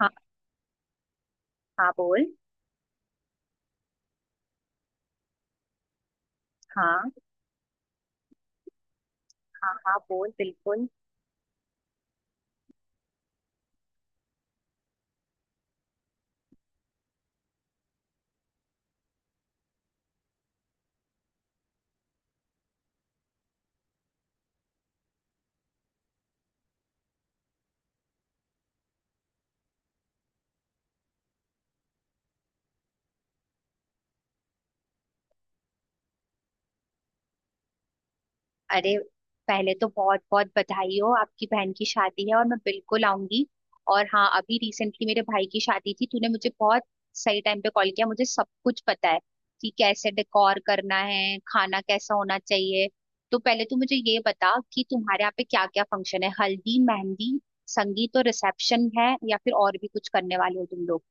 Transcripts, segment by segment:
हाँ हाँ बोल। हाँ हाँ हाँ बोल बिल्कुल। अरे पहले तो बहुत बहुत बधाई हो, आपकी बहन की शादी है और मैं बिल्कुल आऊंगी। और हाँ, अभी रिसेंटली मेरे भाई की शादी थी, तूने मुझे बहुत सही टाइम पे कॉल किया, मुझे सब कुछ पता है कि कैसे डेकोर करना है, खाना कैसा होना चाहिए। तो पहले तू मुझे ये बता कि तुम्हारे यहाँ पे क्या क्या फंक्शन है, हल्दी मेहंदी संगीत और रिसेप्शन है, या फिर और भी कुछ करने वाले हो तुम लोग।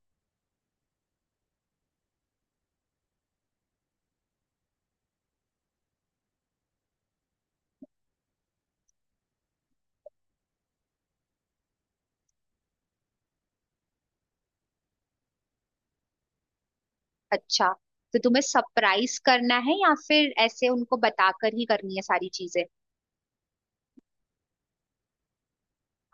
अच्छा, तो तुम्हें सरप्राइज करना है या फिर ऐसे उनको बताकर ही करनी है सारी चीजें।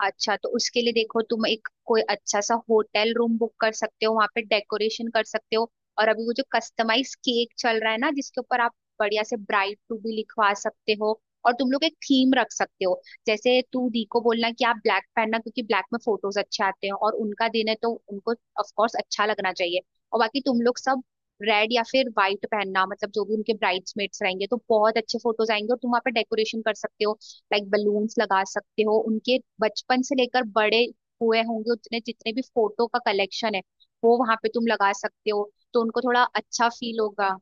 अच्छा, तो उसके लिए देखो, तुम एक कोई अच्छा सा होटल रूम बुक कर सकते हो, वहां पे डेकोरेशन कर सकते हो। और अभी वो जो कस्टमाइज केक चल रहा है ना, जिसके ऊपर आप बढ़िया से ब्राइड टू भी लिखवा सकते हो। और तुम लोग एक थीम रख सकते हो। जैसे तू दी को बोलना कि आप ब्लैक पहनना, क्योंकि ब्लैक में फोटोज अच्छे आते हैं और उनका दिन है तो उनको ऑफ कोर्स अच्छा लगना चाहिए। और बाकी तुम लोग सब रेड या फिर व्हाइट पहनना, मतलब जो भी उनके ब्राइड्समेट्स रहेंगे, तो बहुत अच्छे फोटोज आएंगे। और तुम वहाँ पे डेकोरेशन कर सकते हो, लाइक बलून्स लगा सकते हो। उनके बचपन से लेकर बड़े हुए होंगे, उतने जितने भी फोटो का कलेक्शन है, वो वहां पे तुम लगा सकते हो, तो उनको थोड़ा अच्छा फील होगा।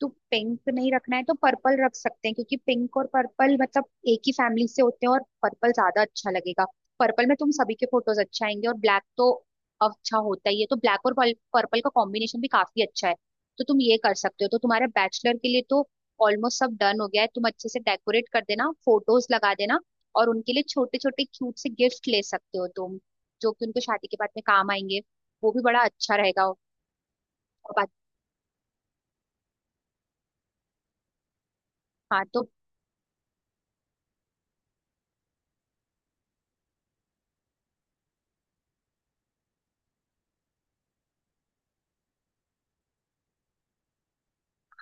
तो पिंक नहीं रखना है तो पर्पल रख सकते हैं, क्योंकि पिंक और पर्पल मतलब एक ही फैमिली से होते हैं और पर्पल ज्यादा अच्छा लगेगा। पर्पल में तुम सभी के फोटोज अच्छे आएंगे, और ब्लैक तो अच्छा होता ही है, तो ब्लैक और पर्पल का कॉम्बिनेशन भी काफी अच्छा है। तो तुम ये कर सकते हो। तो तुम्हारे बैचलर के लिए तो ऑलमोस्ट सब डन हो गया है, तुम अच्छे से डेकोरेट कर देना, फोटोज लगा देना। और उनके लिए छोटे छोटे क्यूट से गिफ्ट ले सकते हो तुम, जो कि उनको शादी के बाद में काम आएंगे, वो भी बड़ा अच्छा रहेगा। और बाकी- हाँ तो।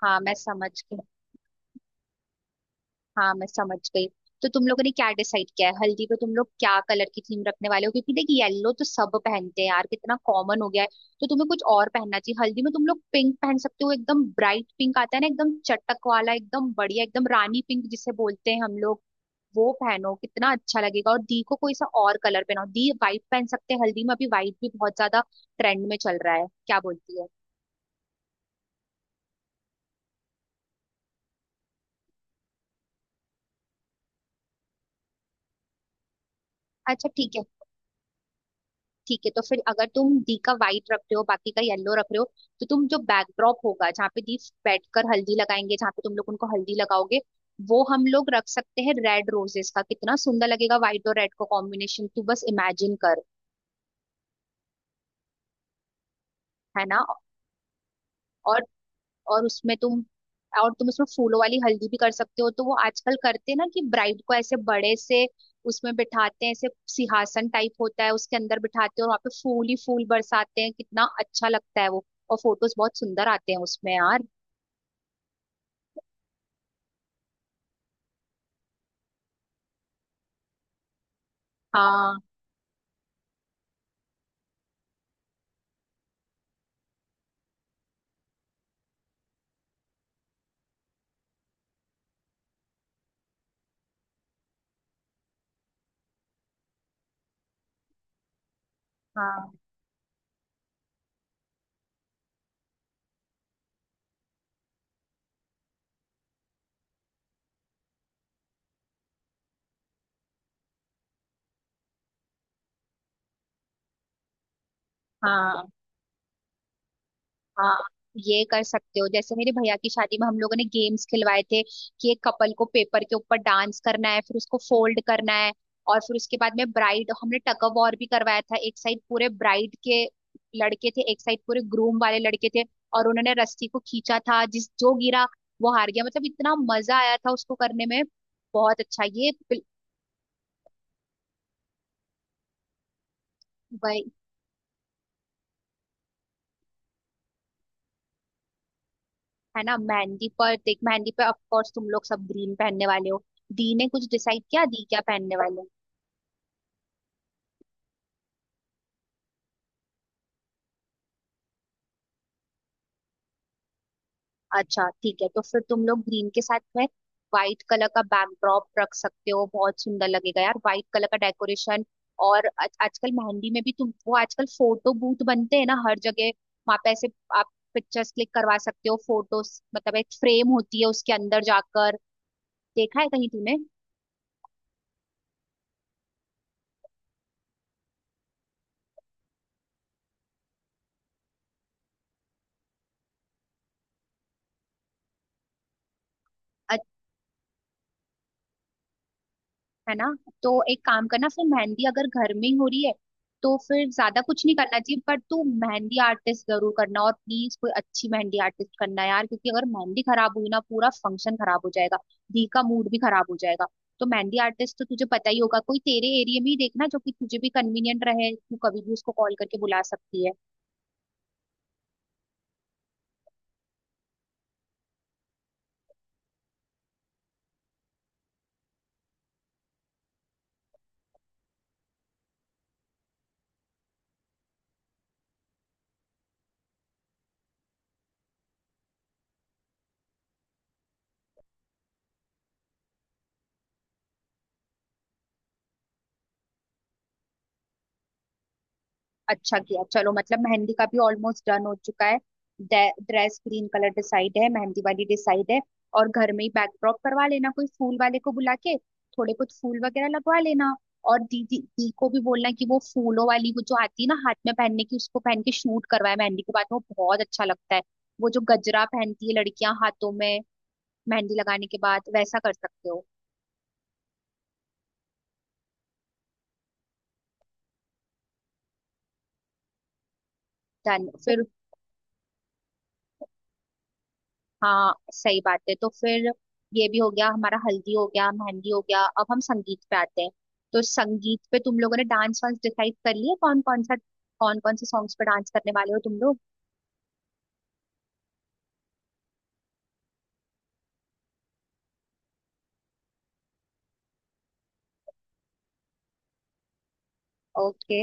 हाँ मैं समझ गई। हाँ मैं समझ गई। तो तुम लोगों ने क्या डिसाइड किया है, हल्दी पे तुम लोग क्या कलर की थीम रखने वाले हो, क्योंकि देख, येलो तो सब पहनते हैं यार, कितना कॉमन हो गया है। तो तुम्हें कुछ और पहनना चाहिए, हल्दी में तुम लोग पिंक पहन सकते हो, एकदम ब्राइट पिंक आता है ना, एकदम चटक वाला, एकदम बढ़िया, एकदम रानी पिंक जिसे बोलते हैं हम लोग, वो पहनो, कितना अच्छा लगेगा। और दी को कोई सा और कलर पहनाओ, दी वाइट पहन सकते हैं हल्दी में, अभी वाइट भी बहुत ज्यादा ट्रेंड में चल रहा है, क्या बोलती है। अच्छा ठीक है। ठीक है, तो फिर अगर तुम डी का वाइट रख रहे हो, बाकी का येलो रख रहे हो, तो तुम जो बैकड्रॉप होगा, जहाँ पे दीप बैठकर हल्दी लगाएंगे, जहाँ पे तुम लोग उनको हल्दी लगाओगे, वो हम लोग रख सकते हैं रेड रोजेस का, कितना सुंदर लगेगा व्हाइट और रेड का कॉम्बिनेशन, तू बस इमेजिन कर। है ना। और और उसमें तुम और तुम उसमें फूलों वाली हल्दी भी कर सकते हो, तो वो आजकल करते हैं ना कि ब्राइड को ऐसे बड़े से उसमें बिठाते हैं, ऐसे सिंहासन टाइप होता है उसके अंदर बिठाते हैं और वहां पे फूल ही फूल बरसाते हैं, कितना अच्छा लगता है वो। और फोटोज बहुत सुंदर आते हैं उसमें यार। हाँ। हाँ। हाँ। हाँ, ये कर सकते हो। जैसे मेरे भैया की शादी में हम लोगों ने गेम्स खिलवाए थे कि एक कपल को पेपर के ऊपर डांस करना है, फिर उसको फोल्ड करना है। और फिर उसके बाद में ब्राइड, हमने टग ऑफ वॉर भी करवाया था, एक साइड पूरे ब्राइड के लड़के थे, एक साइड पूरे ग्रूम वाले लड़के थे, और उन्होंने रस्सी को खींचा था, जिस जो गिरा वो हार गया, मतलब इतना मजा आया था उसको करने में, बहुत अच्छा ये भाई। है ना। मेहंदी पर देख, मेहंदी पर ऑफ कोर्स तुम लोग सब ग्रीन पहनने वाले हो। दी ने कुछ डिसाइड किया, दी क्या पहनने वाले। अच्छा ठीक है, तो फिर तुम लोग ग्रीन के साथ में व्हाइट कलर का बैकड्रॉप रख सकते हो, बहुत सुंदर लगेगा यार व्हाइट कलर का डेकोरेशन। और आजकल मेहंदी में भी तुम वो आजकल फोटो बूथ बनते हैं ना हर जगह, वहां पे ऐसे आप पिक्चर्स क्लिक करवा सकते हो, फोटोस मतलब एक फ्रेम होती है उसके अंदर जाकर, देखा है कहीं तुमने। है ना। तो एक काम करना, फिर मेहंदी अगर घर में ही हो रही है, तो फिर ज्यादा कुछ नहीं करना चाहिए, पर तू मेहंदी आर्टिस्ट जरूर करना, और प्लीज कोई अच्छी मेहंदी आर्टिस्ट करना यार, क्योंकि अगर मेहंदी खराब हुई ना पूरा फंक्शन खराब हो जाएगा, दी का मूड भी खराब हो जाएगा। तो मेहंदी आर्टिस्ट तो तुझे पता ही होगा, कोई तेरे एरिया में ही देखना जो कि तुझे भी कन्वीनियंट रहे, तू कभी भी उसको कॉल करके बुला सकती है। अच्छा किया, चलो मतलब मेहंदी का भी ऑलमोस्ट डन हो चुका है। ड्रेस ग्रीन कलर डिसाइड है, मेहंदी वाली डिसाइड है, और घर में ही बैकड्रॉप करवा लेना कोई फूल वाले को बुला के, थोड़े कुछ फूल वगैरह लगवा लेना। और दीदी दी को भी बोलना कि वो फूलों वाली वो जो आती है ना हाथ में पहनने की, उसको पहन के शूट करवाए मेहंदी के बाद, वो बहुत अच्छा लगता है। वो जो गजरा पहनती है लड़कियां हाथों में मेहंदी लगाने के बाद, वैसा कर सकते हो। डन फिर। हाँ सही बात है। तो फिर ये भी हो गया हमारा, हल्दी हो गया, मेहंदी हो गया, अब हम संगीत पे आते हैं। तो संगीत पे तुम लोगों ने डांस वांस डिसाइड कर लिए कौन कौन सा, कौन कौन से सॉन्ग्स पे डांस करने वाले हो तुम लोग। ओके।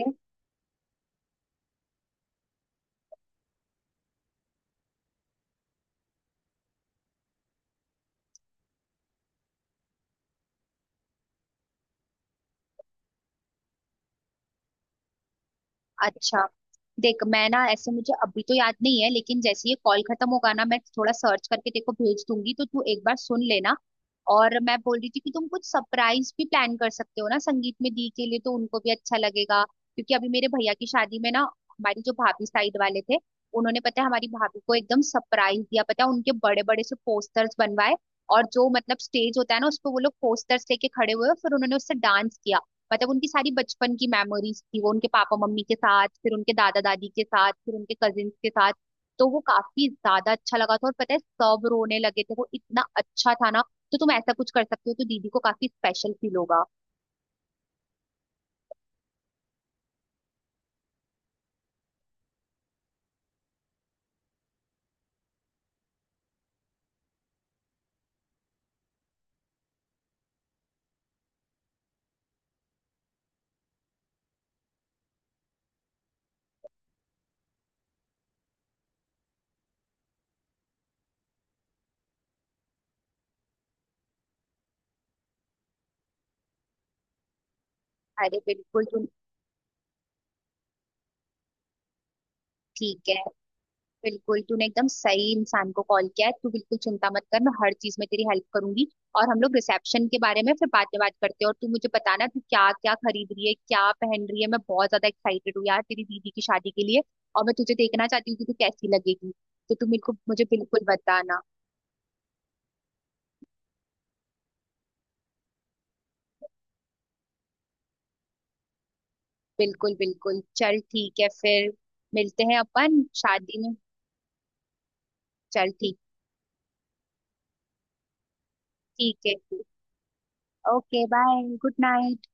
अच्छा, देख मैं ना, ऐसे मुझे अभी तो याद नहीं है, लेकिन जैसे ही ये कॉल खत्म होगा ना, मैं थोड़ा सर्च करके तेको भेज दूंगी, तो तू एक बार सुन लेना। और मैं बोल रही थी कि तुम कुछ सरप्राइज भी प्लान कर सकते हो ना संगीत में दी के लिए, तो उनको भी अच्छा लगेगा, क्योंकि अभी मेरे भैया की शादी में ना, हमारी जो भाभी साइड वाले थे, उन्होंने पता है हमारी भाभी को एकदम सरप्राइज दिया, पता है उनके बड़े बड़े से पोस्टर्स बनवाए, और जो मतलब स्टेज होता है ना, उस पर वो लोग पोस्टर्स लेके खड़े हुए और फिर उन्होंने उससे डांस किया। मतलब उनकी सारी बचपन की मेमोरीज थी, वो उनके पापा मम्मी के साथ, फिर उनके दादा दादी के साथ, फिर उनके कजिन्स के साथ। तो वो काफी ज्यादा अच्छा लगा था, और पता है सब रोने लगे थे, वो इतना अच्छा था ना। तो तुम ऐसा कुछ कर सकते हो, तो दीदी को काफी स्पेशल फील होगा। अरे बिल्कुल तुम। ठीक है। बिल्कुल, तूने एकदम सही इंसान को कॉल किया है, तू बिल्कुल चिंता मत कर, मैं हर चीज में तेरी हेल्प करूंगी। और हम लोग रिसेप्शन के बारे में फिर बात करते हैं, और तू मुझे बताना तू क्या क्या खरीद रही है, क्या पहन रही है, मैं बहुत ज्यादा एक्साइटेड हूँ यार तेरी दीदी की शादी के लिए। और मैं तुझे देखना चाहती हूँ कि तू कैसी लगेगी, तो तू मेरे को मुझे बिल्कुल बताना। बिल्कुल बिल्कुल, चल ठीक है फिर, मिलते हैं अपन शादी में। चल ठीक। ठीक है, ओके बाय, गुड नाइट।